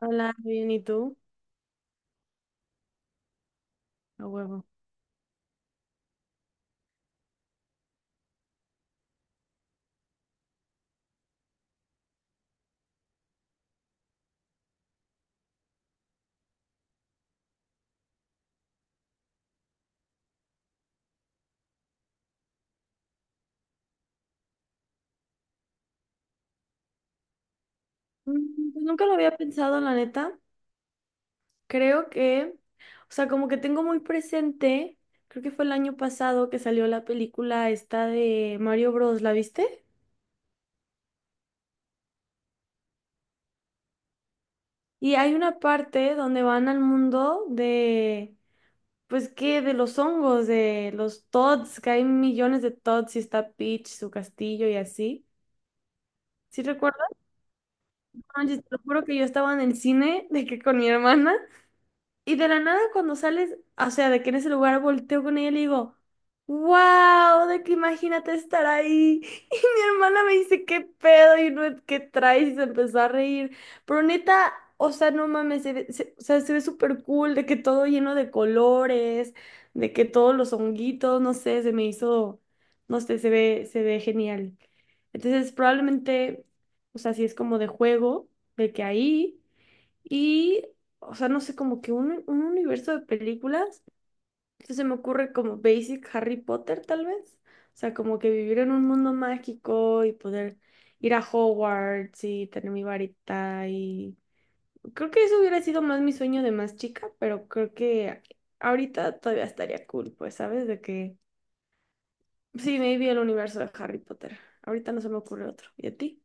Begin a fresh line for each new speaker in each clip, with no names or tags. Hola, bien, ¿y tú? A huevo. Pues nunca lo había pensado, la neta. Creo que, o sea, como que tengo muy presente, creo que fue el año pasado que salió la película esta de Mario Bros, ¿la viste? Y hay una parte donde van al mundo de, pues, ¿qué? De los hongos, de los Todds, que hay millones de Todds y está Peach, su castillo y así. ¿Sí recuerdas? No manches, te lo juro que yo estaba en el cine de que con mi hermana. Y de la nada cuando sales, o sea, de que en ese lugar volteo con ella y le digo, wow, de que imagínate estar ahí. Y mi hermana me dice, ¿qué pedo? Y no, ¿qué traes? Y se empezó a reír. Pero neta, o sea, no mames, o sea, se ve súper cool, de que todo lleno de colores, de que todos los honguitos, no sé, se me hizo, no sé, se ve genial. Entonces, probablemente, o sea, si es como de juego, de que ahí. Y, o sea, no sé, como que un universo de películas entonces se me ocurre como Basic Harry Potter, tal vez. O sea, como que vivir en un mundo mágico y poder ir a Hogwarts y tener mi varita y… Creo que eso hubiera sido más mi sueño de más chica, pero creo que ahorita todavía estaría cool, pues, ¿sabes? De que… Sí, maybe el universo de Harry Potter. Ahorita no se me ocurre otro. ¿Y a ti?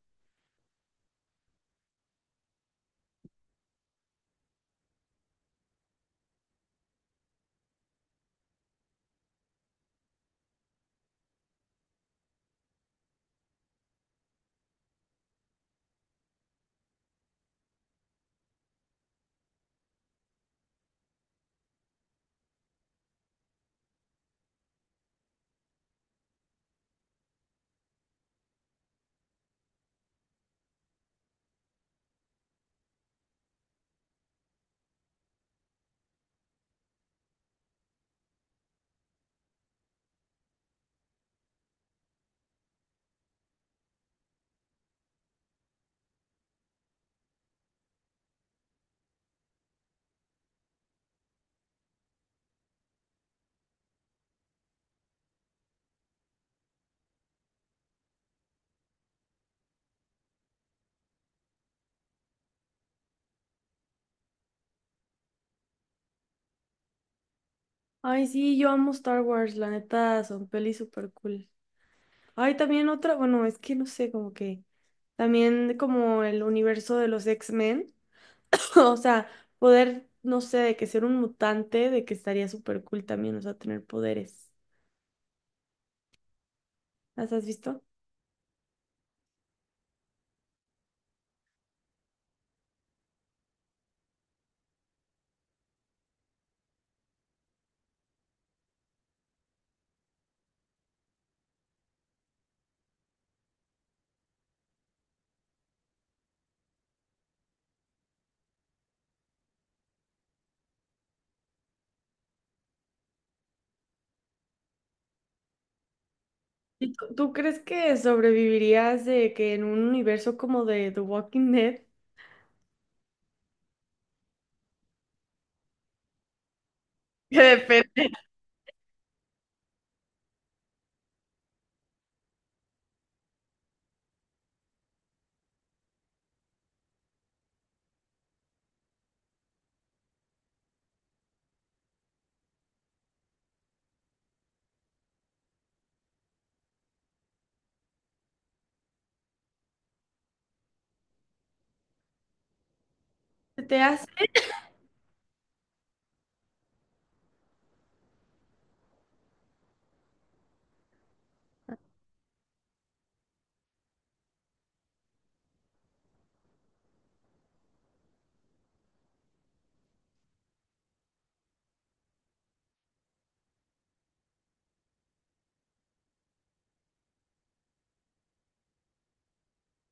Ay, sí, yo amo Star Wars, la neta, son pelis súper cool. Hay también otra, bueno, es que no sé, como que también como el universo de los X-Men, o sea, poder, no sé, de que ser un mutante, de que estaría súper cool también, o sea, tener poderes. ¿Las has visto? ¿Y tú crees que sobrevivirías de que en un universo como de The Walking Dead? Que depende. ¿Se te hace?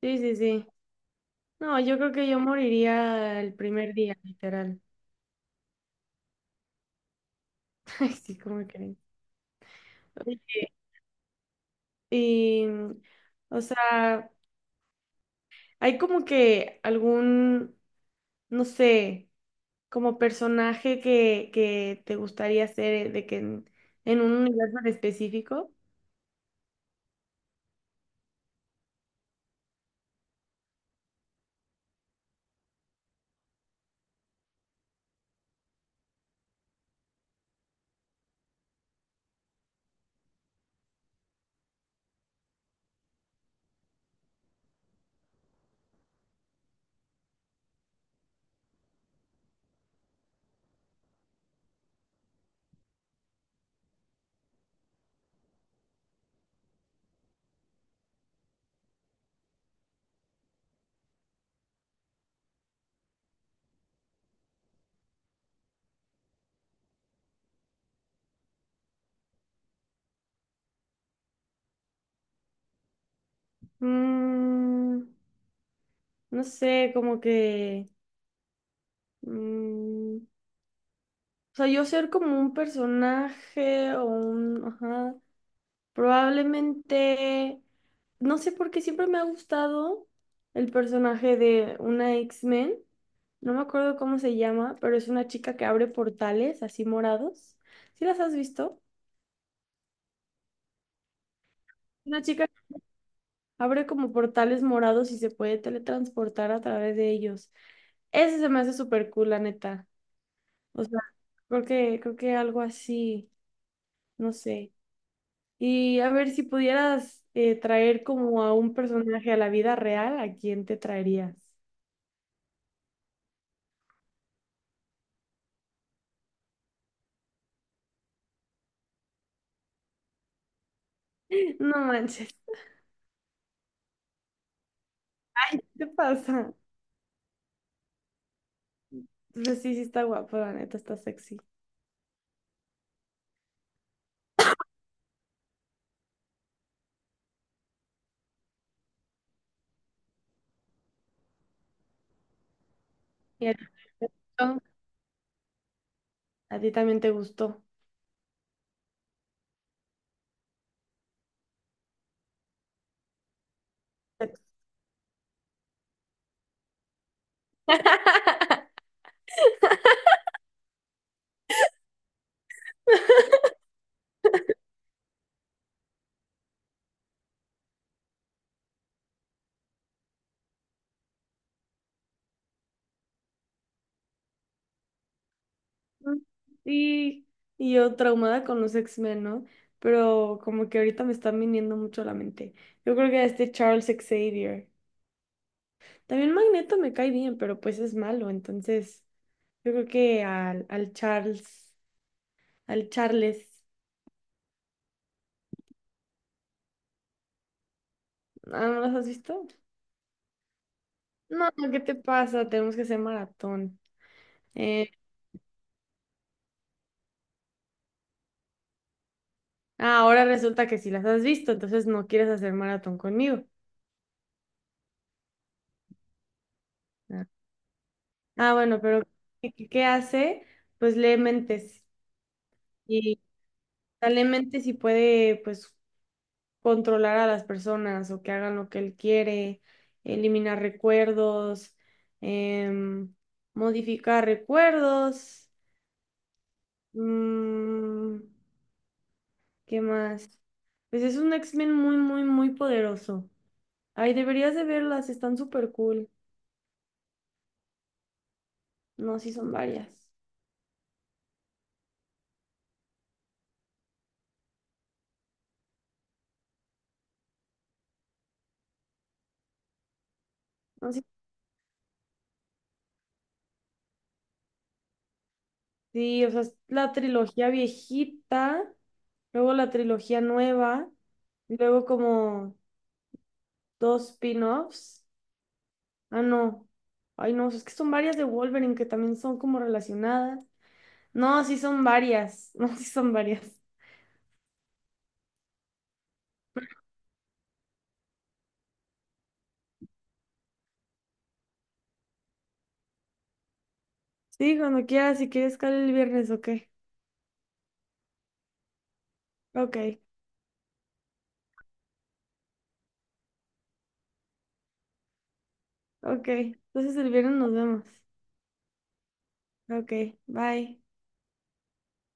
Sí, sí, sí. No, yo creo que yo moriría el primer día, literal. Ay, sí, ¿cómo creen? Oye, y, o sea, hay como que algún, no sé, como personaje que te gustaría ser de que en un universo en específico. Mm, no sé, como que… mm, o sea, yo ser como un personaje o un… Ajá. Probablemente, no sé por qué siempre me ha gustado el personaje de una X-Men. No me acuerdo cómo se llama, pero es una chica que abre portales así morados. ¿Sí las has visto? Una chica que abre como portales morados y se puede teletransportar a través de ellos. Ese se me hace súper cool, la neta. O sea, creo que algo así, no sé. Y a ver si pudieras traer como a un personaje a la vida real, ¿a quién te traerías? No manches, ¿qué te pasa? Pero sí, sí está guapo, la neta, está sexy. ¿Y a ti te gustó? ¿A ti también te gustó? Sí, y yo traumada con los X-Men, ¿no? Pero como que ahorita me están viniendo mucho a la mente. Yo creo que este Charles Xavier. También Magneto me cae bien, pero pues es malo, entonces yo creo que al Charles, al Charles. Ah, ¿no los has visto? No, ¿qué te pasa? Tenemos que hacer maratón. Eh, Ah, ahora resulta que si las has visto, entonces no quieres hacer maratón conmigo. Ah, Ah, bueno, pero ¿ qué hace? Pues lee mentes. Y o sea, lee mentes y puede, pues, controlar a las personas o que hagan lo que él quiere, eliminar recuerdos, em, modificar recuerdos. mm, ¿Qué más? Pues es un X-Men muy, muy, muy poderoso. Ay, deberías de verlas, están súper cool. No, sí son varias. No, sí, Sí, o sea, es la trilogía viejita, luego la trilogía nueva, y luego como dos spin-offs. Ah, no. Ay, no, es que son varias de Wolverine que también son como relacionadas. No, sí son varias. No, sí son varias. Sí, cuando quieras, si quieres, caer el viernes, ok. Ok, ok. Entonces el viernes nos vemos. Ok, bye.